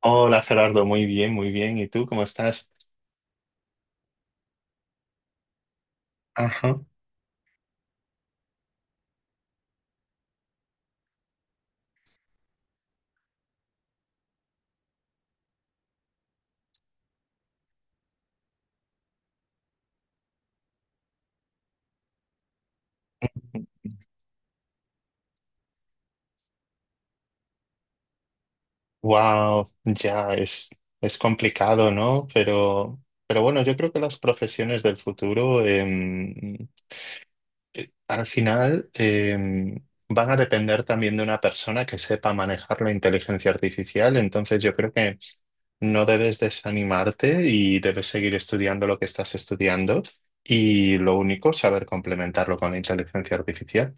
Hola Gerardo, muy bien, muy bien. ¿Y tú cómo estás? Ajá. Wow, ya es complicado, ¿no? Pero bueno, yo creo que las profesiones del futuro al final van a depender también de una persona que sepa manejar la inteligencia artificial. Entonces yo creo que no debes desanimarte y debes seguir estudiando lo que estás estudiando y lo único, saber complementarlo con la inteligencia artificial.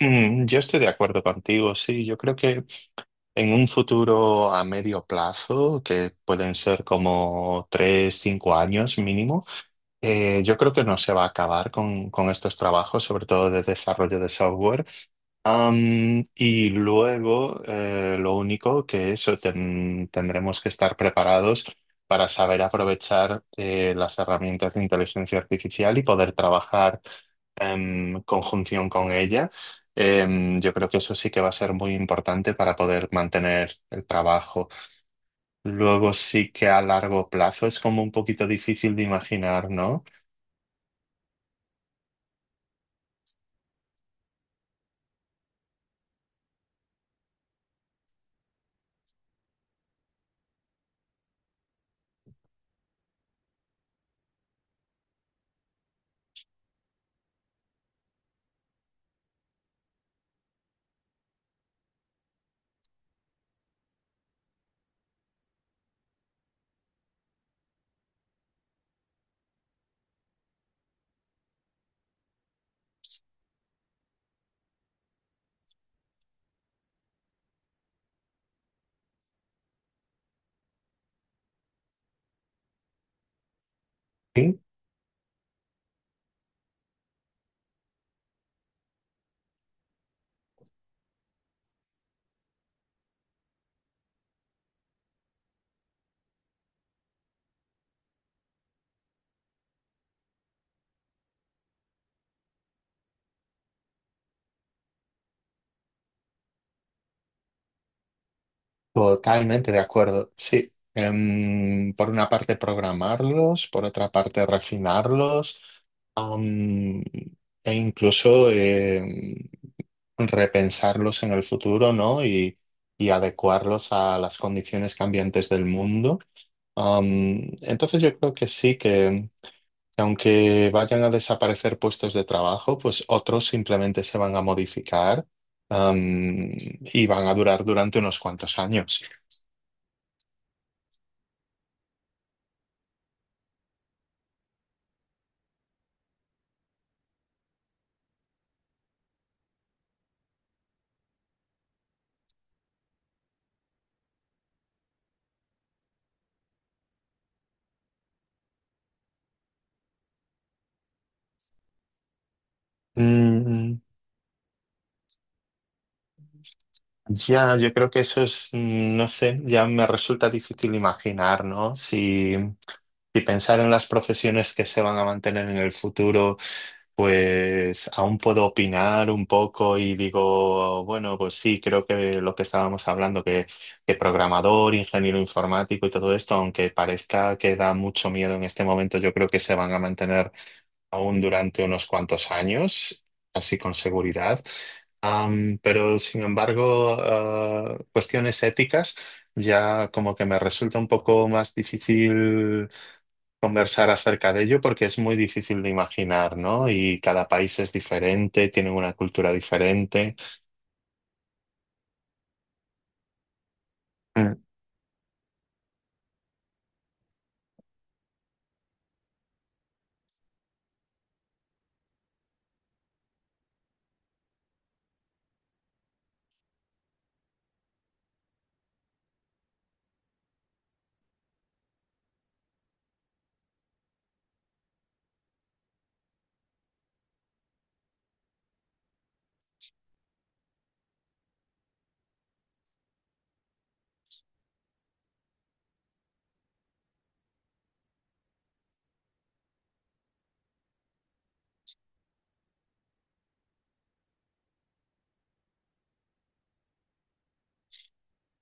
Mm, yo estoy de acuerdo contigo, sí. Yo creo que en un futuro a medio plazo, que pueden ser como tres, cinco años mínimo, yo creo que no se va a acabar con estos trabajos, sobre todo de desarrollo de software. Y luego, lo único que eso tendremos que estar preparados para saber aprovechar las herramientas de inteligencia artificial y poder trabajar en conjunción con ella. Yo creo que eso sí que va a ser muy importante para poder mantener el trabajo. Luego sí que a largo plazo es como un poquito difícil de imaginar, ¿no? Sí. Totalmente de acuerdo, sí. Por una parte programarlos, por otra parte refinarlos, am, e incluso repensarlos en el futuro, ¿no? Y adecuarlos a las condiciones cambiantes del mundo. Am, entonces yo creo que sí, que aunque vayan a desaparecer puestos de trabajo, pues otros simplemente se van a modificar, am, y van a durar durante unos cuantos años. Mm, ya, yo creo que eso es, mm, no sé, ya me resulta difícil imaginar, ¿no? Si, si pensar en las profesiones que se van a mantener en el futuro, pues aún puedo opinar un poco y digo, bueno, pues sí, creo que lo que estábamos hablando, que programador, ingeniero informático y todo esto, aunque parezca que da mucho miedo en este momento, yo creo que se van a mantener aún durante unos cuantos años, así con seguridad. Pero sin embargo, cuestiones éticas ya como que me resulta un poco más difícil conversar acerca de ello porque es muy difícil de imaginar, ¿no? Y cada país es diferente, tiene una cultura diferente.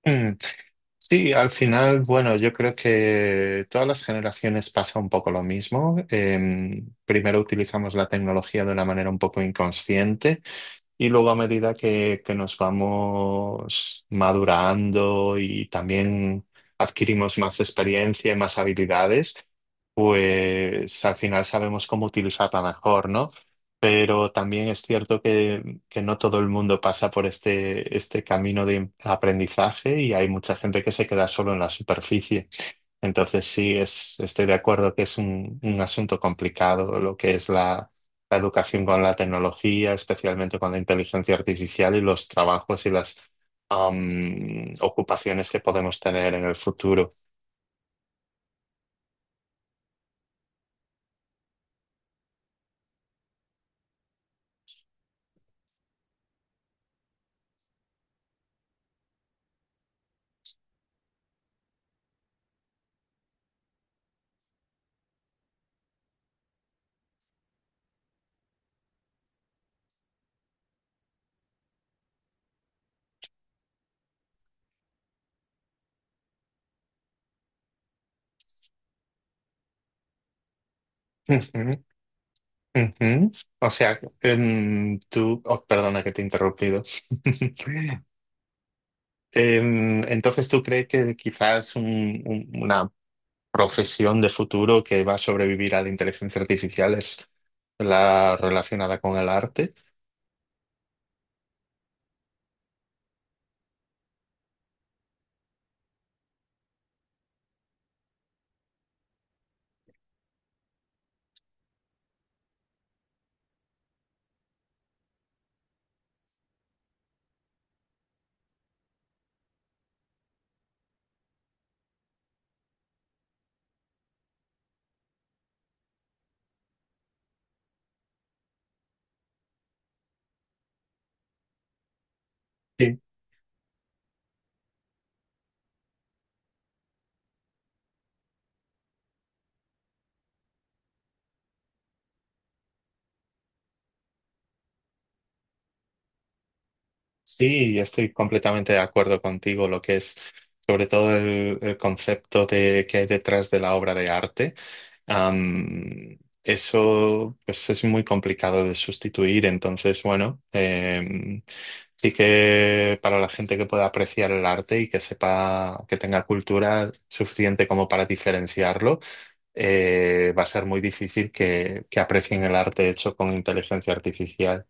Mm. Sí, al final, bueno, yo creo que todas las generaciones pasa un poco lo mismo. Primero utilizamos la tecnología de una manera un poco inconsciente. Y luego a medida que nos vamos madurando y también adquirimos más experiencia y más habilidades, pues al final sabemos cómo utilizarla mejor, ¿no? Pero también es cierto que no todo el mundo pasa por este camino de aprendizaje y hay mucha gente que se queda solo en la superficie. Entonces sí, es, estoy de acuerdo que es un asunto complicado lo que es la, la educación con la tecnología, especialmente con la inteligencia artificial y los trabajos y las ocupaciones que podemos tener en el futuro. Ujú, ujú. O sea, tú, oh, perdona que te he interrumpido. Entonces, ¿tú crees que quizás una profesión de futuro que va a sobrevivir a la inteligencia artificial es la relacionada con el arte? Sí, estoy completamente de acuerdo contigo, lo que es sobre todo el concepto de, que hay detrás de la obra de arte. Am, Eso pues, es muy complicado de sustituir, entonces, bueno, sí que para la gente que pueda apreciar el arte y que sepa, que tenga cultura suficiente como para diferenciarlo, va a ser muy difícil que aprecien el arte hecho con inteligencia artificial.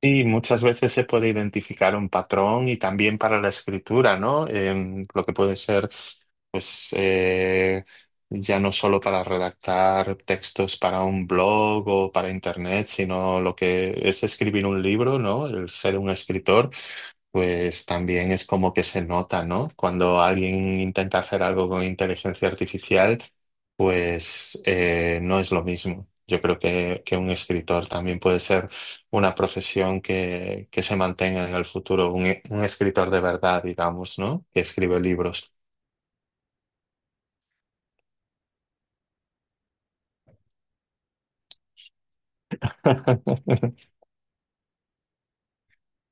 Sí, muchas veces se puede identificar un patrón y también para la escritura, ¿no? Lo que puede ser, pues, ya no solo para redactar textos para un blog o para internet, sino lo que es escribir un libro, ¿no? El ser un escritor. Pues también es como que se nota, ¿no? Cuando alguien intenta hacer algo con inteligencia artificial, pues no es lo mismo. Yo creo que un escritor también puede ser una profesión que se mantenga en el futuro, un escritor de verdad, digamos, ¿no? Que escribe libros.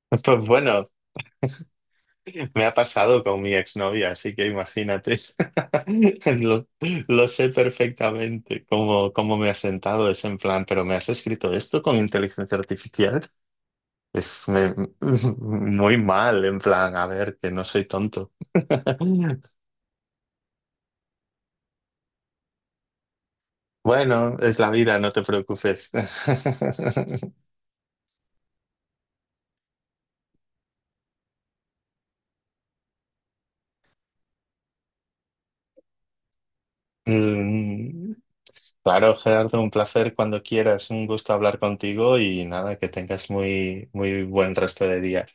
Pues bueno, me ha pasado con mi exnovia, así que imagínate. Lo, lo sé perfectamente cómo, cómo me ha sentado ese en plan, pero ¿me has escrito esto con inteligencia artificial? Es me- muy mal, en plan, a ver, que no soy tonto. Bueno, es la vida, no te preocupes. Mm, claro, Gerardo, un placer cuando quieras, un gusto hablar contigo y nada, que tengas muy, muy buen resto de día.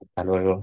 Hasta luego.